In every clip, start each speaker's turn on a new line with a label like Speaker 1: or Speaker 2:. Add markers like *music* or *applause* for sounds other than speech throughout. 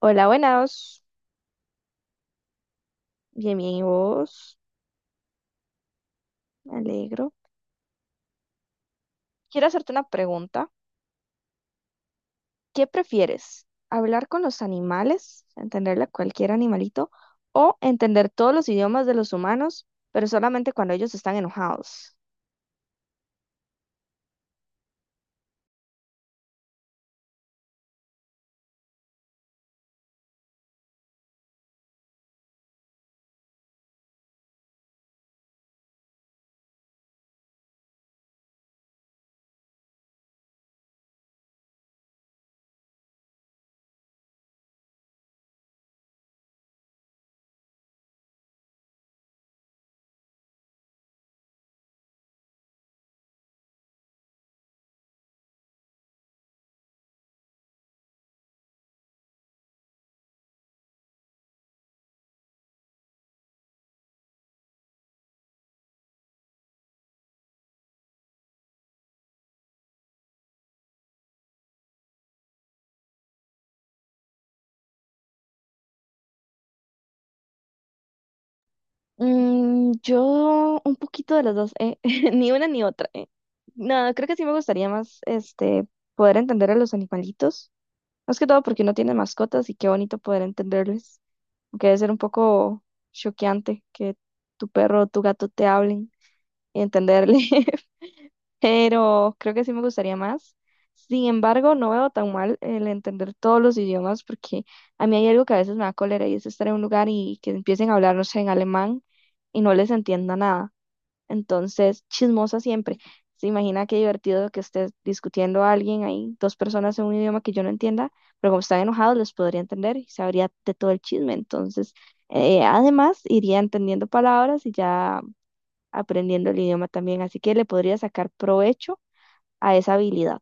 Speaker 1: Hola, buenas. Bien, bien, ¿y vos? Me alegro. Quiero hacerte una pregunta. ¿Qué prefieres? ¿Hablar con los animales, entenderle a cualquier animalito, o entender todos los idiomas de los humanos, pero solamente cuando ellos están enojados? Mm, yo un poquito de las dos, *laughs* Ni una ni otra. No, creo que sí me gustaría más, poder entender a los animalitos. Más que todo porque uno tiene mascotas y qué bonito poder entenderles, aunque debe ser un poco choqueante que tu perro o tu gato te hablen y entenderle. *laughs* Pero creo que sí me gustaría más. Sin embargo, no veo tan mal el entender todos los idiomas porque a mí hay algo que a veces me da cólera y es estar en un lugar y que empiecen a hablar, no sé, en alemán y no les entienda nada. Entonces, chismosa siempre. Se imagina qué divertido que esté discutiendo a alguien ahí, dos personas en un idioma que yo no entienda, pero como están enojados, les podría entender y sabría de todo el chisme. Entonces, además, iría entendiendo palabras y ya aprendiendo el idioma también. Así que le podría sacar provecho a esa habilidad.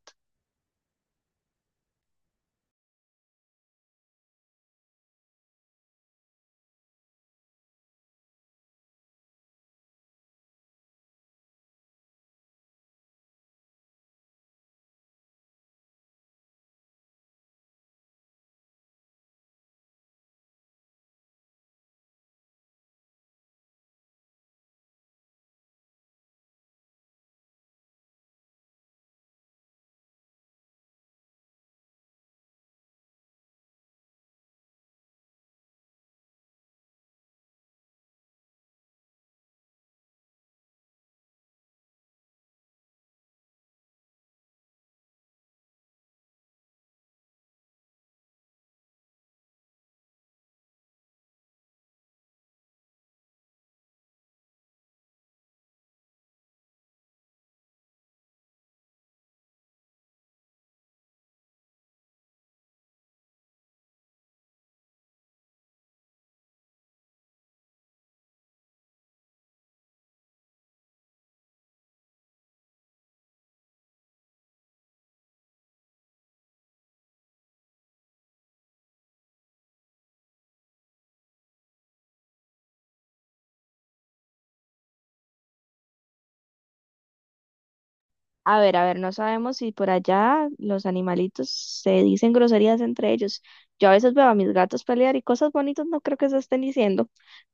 Speaker 1: A ver, no sabemos si por allá los animalitos se dicen groserías entre ellos. Yo a veces veo a mis gatos pelear y cosas bonitas no creo que se estén diciendo,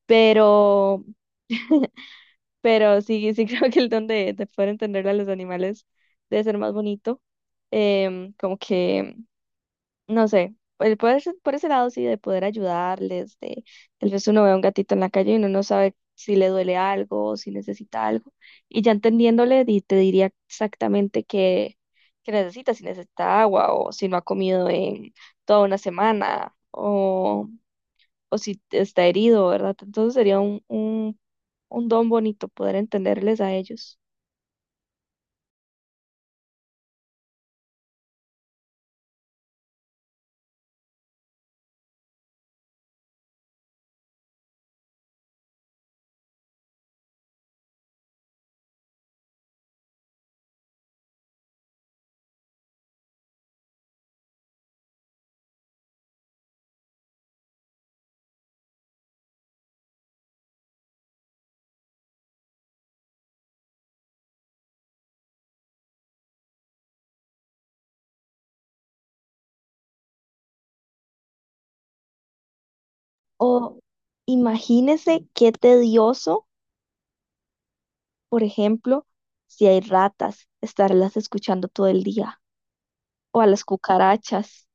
Speaker 1: pero *laughs* pero sí, sí, *laughs* creo que el don de poder entenderle a los animales debe ser más bonito. Como que, no sé, el por ese lado sí, de poder ayudarles. De tal vez uno ve a un gatito en la calle y uno no sabe si le duele algo o si necesita algo. Y ya entendiéndole, te diría exactamente qué necesita, si necesita agua o si no ha comido en toda una semana o si está herido, ¿verdad? Entonces sería un don bonito poder entenderles a ellos. O imagínese qué tedioso, por ejemplo, si hay ratas, estarlas escuchando todo el día. O a las cucarachas,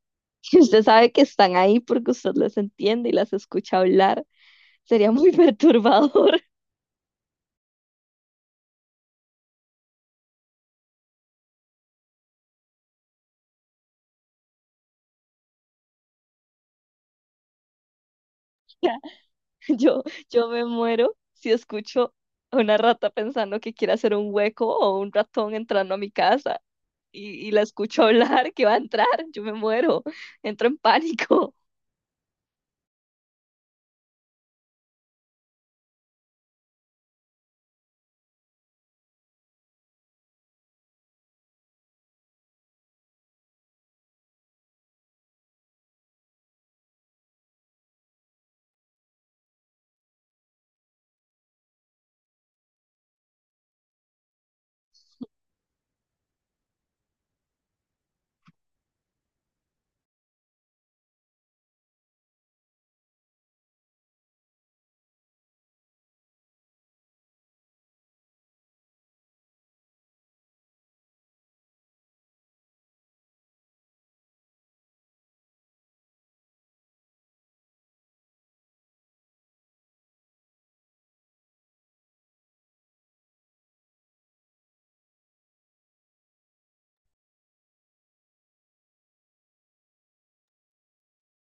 Speaker 1: *laughs* que usted sabe que están ahí porque usted las entiende y las escucha hablar. Sería muy *laughs* perturbador. *laughs* Yo, yo me muero si escucho a una rata pensando que quiere hacer un hueco o un ratón entrando a mi casa. Y la escucho *laughs* hablar que va a entrar, yo me muero, entro en pánico.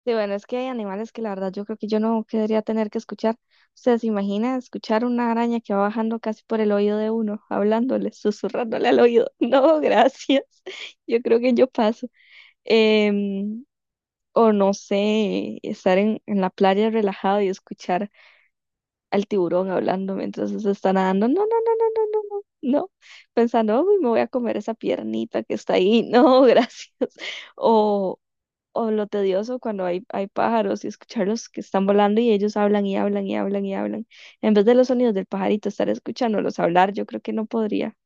Speaker 1: Sí, bueno, es que hay animales que la verdad yo creo que yo no querría tener que escuchar. O sea, ¿se imagina escuchar una araña que va bajando casi por el oído de uno, hablándole, susurrándole al oído? *laughs* No, gracias. Yo creo que yo paso. Em, o no sé, estar en la playa relajado y escuchar al tiburón hablando mientras se está nadando. No, no, no, no, no, no, no, no. Pensando, uy, me voy a comer esa piernita que está ahí. No, *laughs* gracias. O, o lo tedioso cuando hay pájaros y escucharlos que están volando y ellos hablan y hablan y hablan y hablan. En vez de los sonidos del pajarito, estar escuchándolos hablar, yo creo que no podría.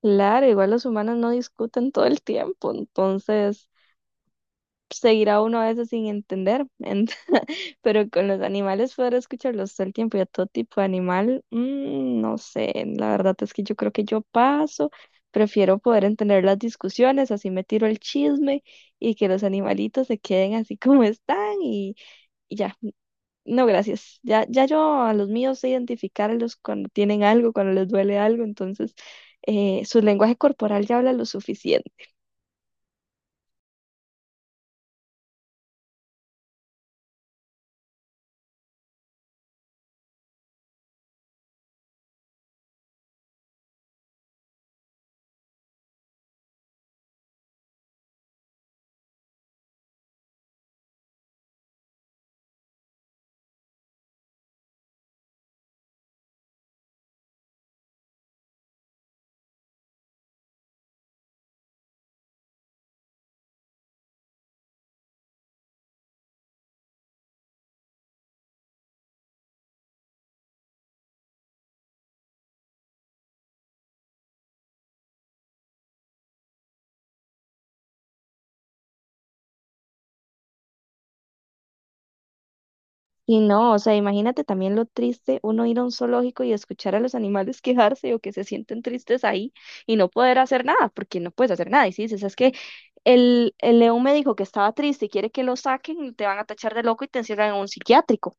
Speaker 1: Claro, igual los humanos no discuten todo el tiempo, entonces seguirá uno a veces sin entender, *laughs* pero con los animales poder escucharlos todo el tiempo y a todo tipo de animal, mm, no sé, la verdad es que yo creo que yo paso, prefiero poder entender las discusiones, así me tiro el chisme y que los animalitos se queden así como están y ya. No, gracias. Ya, ya yo a los míos sé identificarlos cuando tienen algo, cuando les duele algo. Entonces, su lenguaje corporal ya habla lo suficiente. Y no, o sea, imagínate también lo triste uno ir a un zoológico y escuchar a los animales *laughs* quejarse o que se sienten tristes ahí y no poder hacer nada, porque no puedes hacer nada. Y si dices, es que el león me dijo que estaba triste y quiere que lo saquen, te van a tachar de loco y te encierran en un psiquiátrico.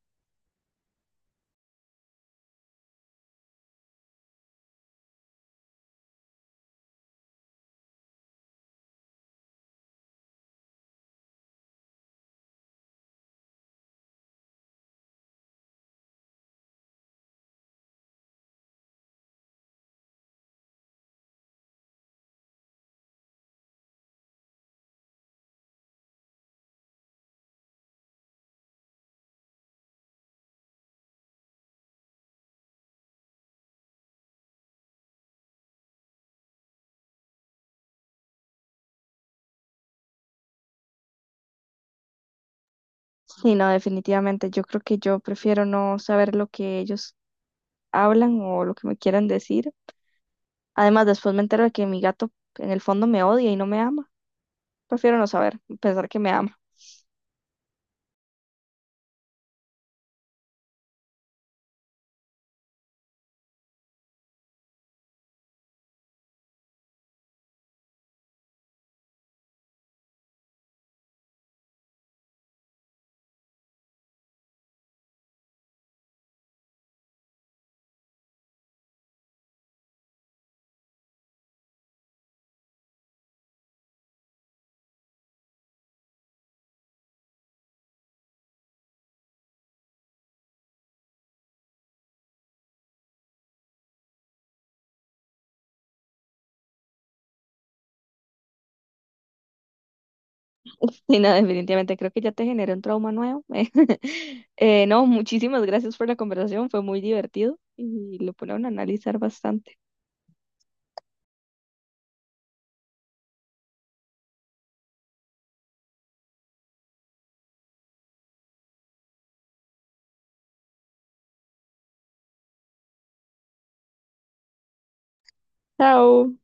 Speaker 1: Sí, no, definitivamente, yo creo que yo prefiero no saber lo que ellos hablan o lo que me quieran decir. Además, después me entero de que mi gato en el fondo me odia y no me ama. Prefiero no saber, pensar que me ama. Sí, no, definitivamente creo que ya te generé un trauma nuevo. *laughs* No, muchísimas gracias por la conversación, fue muy divertido y lo pone a uno a analizar bastante. Chao.